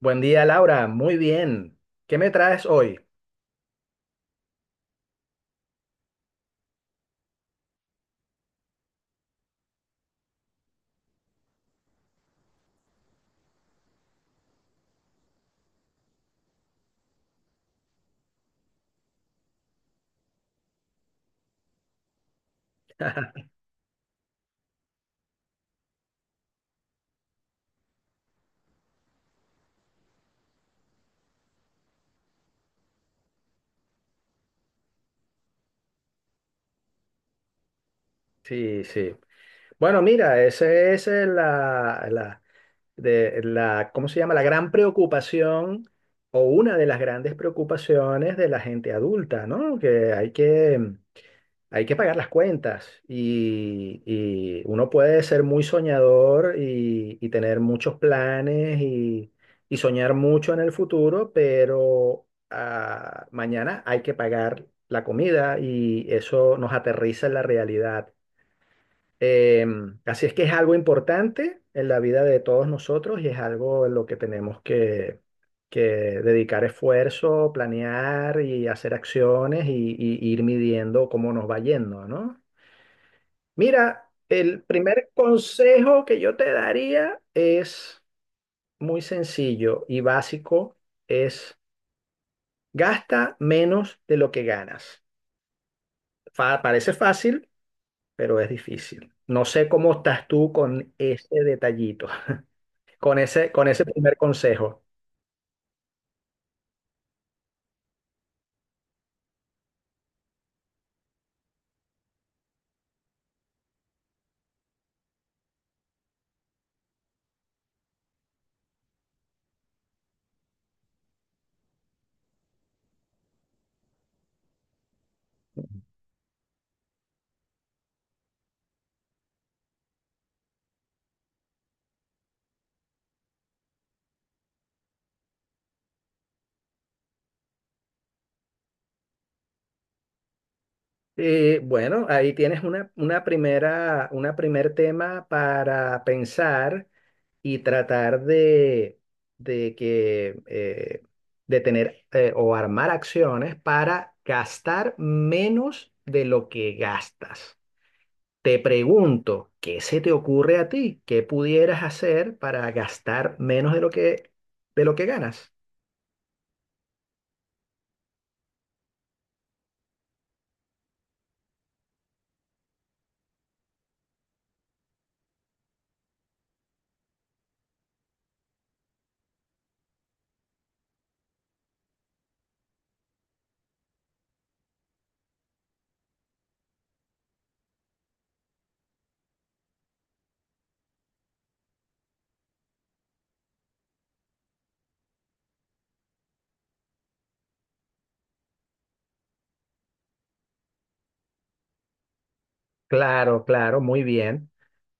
Buen día, Laura. Muy bien. ¿Qué me traes hoy? Sí, sí. Bueno, mira, esa es la, ¿cómo se llama? La gran preocupación o una de las grandes preocupaciones de la gente adulta, ¿no? Hay que pagar las cuentas y uno puede ser muy soñador y tener muchos planes y soñar mucho en el futuro, pero mañana hay que pagar la comida y eso nos aterriza en la realidad. Así es que es algo importante en la vida de todos nosotros y es algo en lo que tenemos que dedicar esfuerzo, planear y hacer acciones y ir midiendo cómo nos va yendo, ¿no? Mira, el primer consejo que yo te daría es muy sencillo y básico, es gasta menos de lo que ganas. Parece fácil, pero es difícil. No sé cómo estás tú con ese detallito, con ese primer consejo. Bueno, ahí tienes una primera, una primer tema para pensar y tratar de, de que, eh, de tener o armar acciones para gastar menos de lo que gastas. Te pregunto, ¿qué se te ocurre a ti? ¿Qué pudieras hacer para gastar menos de lo que ganas? Claro, claro, muy bien.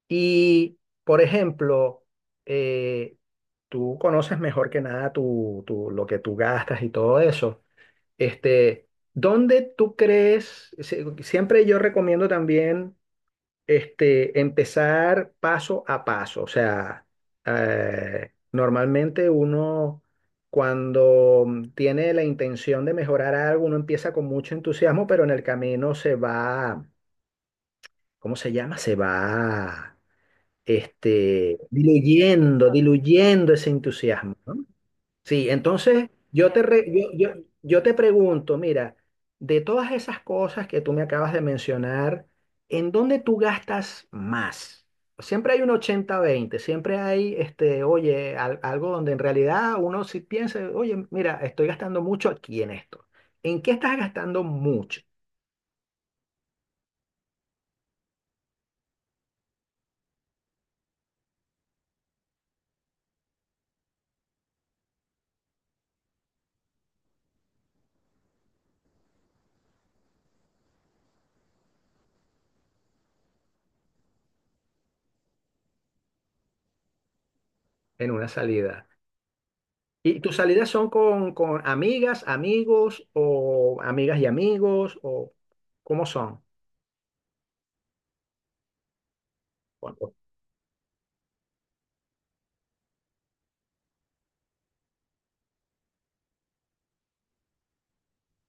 Y, por ejemplo, eh, tú conoces mejor que nada lo que tú gastas y todo eso. Este, ¿Dónde tú crees? Siempre yo recomiendo también empezar paso a paso. O sea, normalmente uno cuando tiene la intención de mejorar algo, uno empieza con mucho entusiasmo, pero en el camino se va, ¿cómo se llama? Se va diluyendo, diluyendo ese entusiasmo, ¿no? Sí, entonces yo te, re- yo- yo te pregunto, mira, de todas esas cosas que tú me acabas de mencionar, ¿en dónde tú gastas más? Siempre hay un ochenta veinte, siempre hay, oye, algo donde en realidad uno sí piensa, oye, mira, estoy gastando mucho aquí en esto. ¿En qué estás gastando mucho en una salida? ¿Y tus salidas son con amigas, amigos o amigas y amigos o cómo son? Bueno,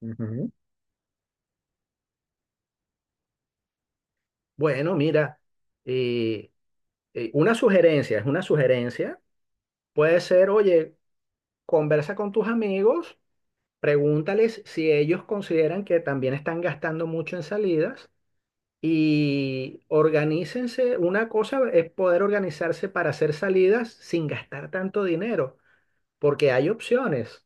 ujú. Bueno, mira, eh, una sugerencia, es una sugerencia. Puede ser, oye, conversa con tus amigos, pregúntales si ellos consideran que también están gastando mucho en salidas y organícense. Una cosa es poder organizarse para hacer salidas sin gastar tanto dinero, porque hay opciones.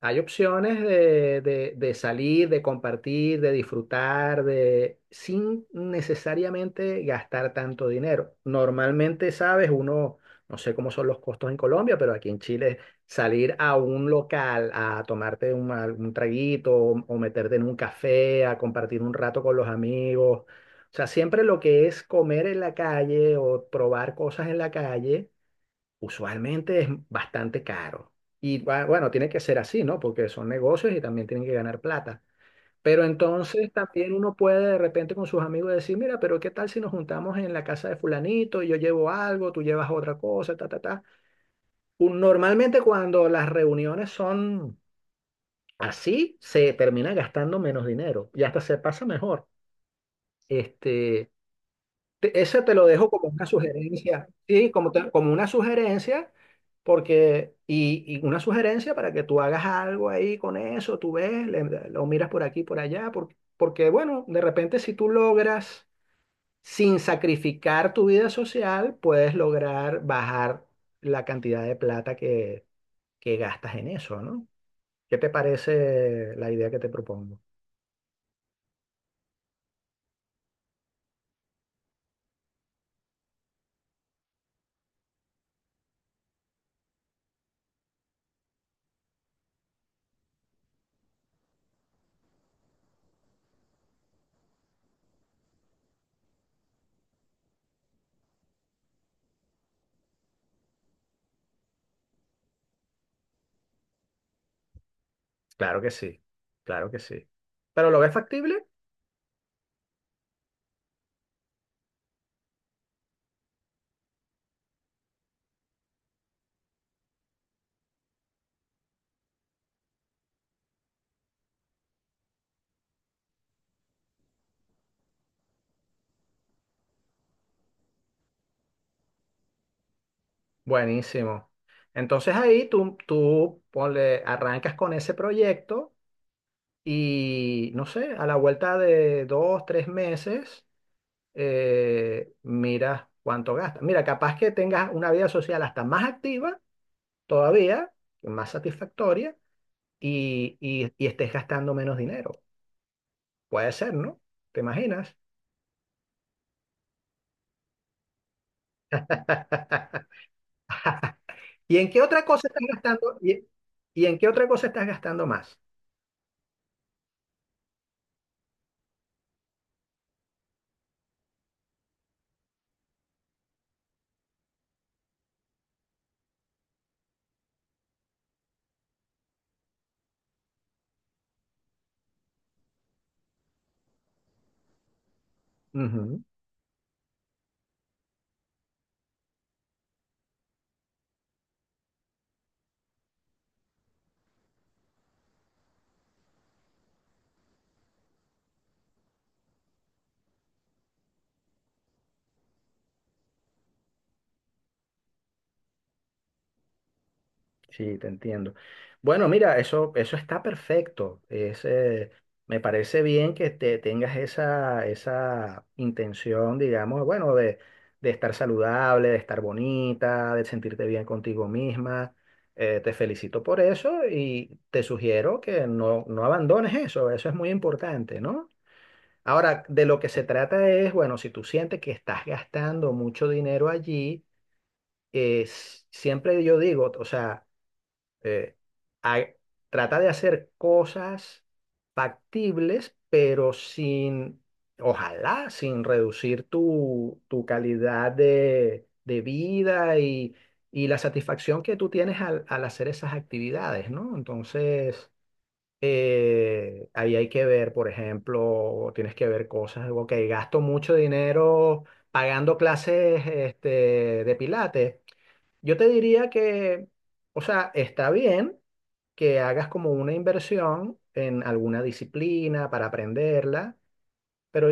Hay opciones de salir, de compartir, de disfrutar, de, sin necesariamente gastar tanto dinero. Normalmente, sabes, uno, no sé cómo son los costos en Colombia, pero aquí en Chile, salir a un local a tomarte un, algún traguito o meterte en un café, a compartir un rato con los amigos. O sea, siempre lo que es comer en la calle o probar cosas en la calle usualmente es bastante caro. Y bueno, tiene que ser así, ¿no? Porque son negocios y también tienen que ganar plata. Pero entonces también uno puede de repente con sus amigos decir, mira, pero ¿qué tal si nos juntamos en la casa de fulanito? Yo llevo algo, tú llevas otra cosa, ta, ta, ta. Normalmente cuando las reuniones son así, se termina gastando menos dinero y hasta se pasa mejor. Este, Ese te lo dejo como una sugerencia, sí, como una sugerencia, porque una sugerencia para que tú hagas algo ahí con eso, tú ves, lo miras por aquí, por allá, porque, bueno, de repente si tú logras, sin sacrificar tu vida social, puedes lograr bajar la cantidad de plata que gastas en eso, ¿no? ¿Qué te parece la idea que te propongo? Claro que sí, claro que sí. ¿Pero lo ves factible? Buenísimo. Entonces ahí tú ponle, arrancas con ese proyecto y, no sé, a la vuelta de dos, tres meses, miras cuánto gastas. Mira, capaz que tengas una vida social hasta más activa todavía, más satisfactoria, y estés gastando menos dinero. Puede ser, ¿no? ¿Te imaginas? ¿Y en qué otra cosa estás gastando? ¿Y en qué otra cosa estás gastando más? Sí, te entiendo. Bueno, mira, eso está perfecto. Es, me parece bien que te tengas esa intención, digamos, bueno, de estar saludable, de estar bonita, de sentirte bien contigo misma. Te felicito por eso y te sugiero que no, no abandones eso. Eso es muy importante, ¿no? Ahora, de lo que se trata es, bueno, si tú sientes que estás gastando mucho dinero allí, siempre yo digo, o sea eh, a- trata de hacer cosas factibles, pero sin, ojalá, sin reducir tu calidad de vida y la satisfacción que tú tienes al hacer esas actividades, ¿no? Entonces, ahí hay que ver, por ejemplo, tienes que ver cosas, ok, gasto mucho dinero pagando clases de pilates. Yo te diría que, o sea, está bien que hagas como una inversión en alguna disciplina para aprenderla, pero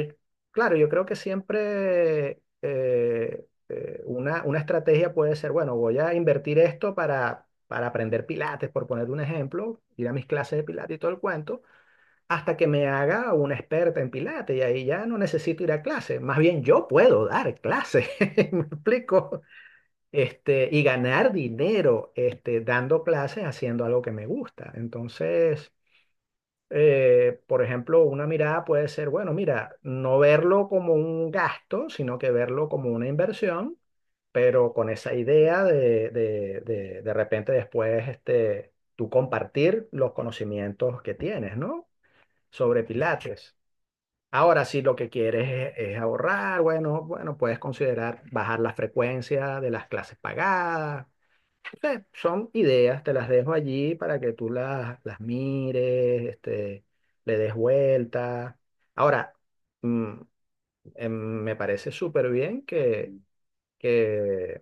claro, yo creo que siempre una estrategia puede ser, bueno, voy a invertir esto para aprender Pilates, por poner un ejemplo, ir a mis clases de Pilates y todo el cuento, hasta que me haga una experta en Pilates y ahí ya no necesito ir a clase, más bien yo puedo dar clase, ¿me explico? Y ganar dinero dando clases haciendo algo que me gusta. Entonces, por ejemplo, una mirada puede ser, bueno, mira, no verlo como un gasto, sino que verlo como una inversión, pero con esa idea de repente después tú compartir los conocimientos que tienes, ¿no? Sobre Pilates. Ahora, si lo que quieres es ahorrar, bueno, bueno, puedes considerar bajar la frecuencia de las clases pagadas. Sí, son ideas, te las dejo allí para que las mires, le des vuelta. Ahora, mm, em, me parece súper bien que, que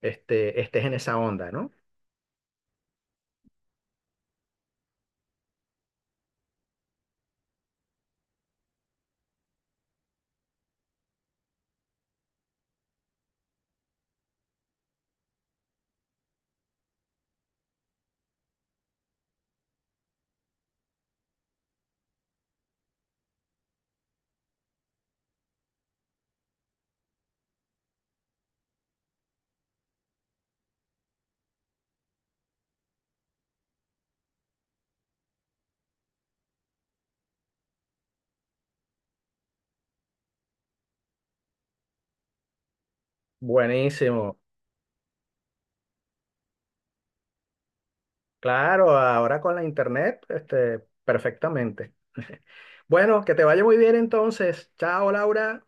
este, estés en esa onda, ¿no? Buenísimo. Claro, ahora con la internet, perfectamente. Bueno, que te vaya muy bien entonces. Chao, Laura.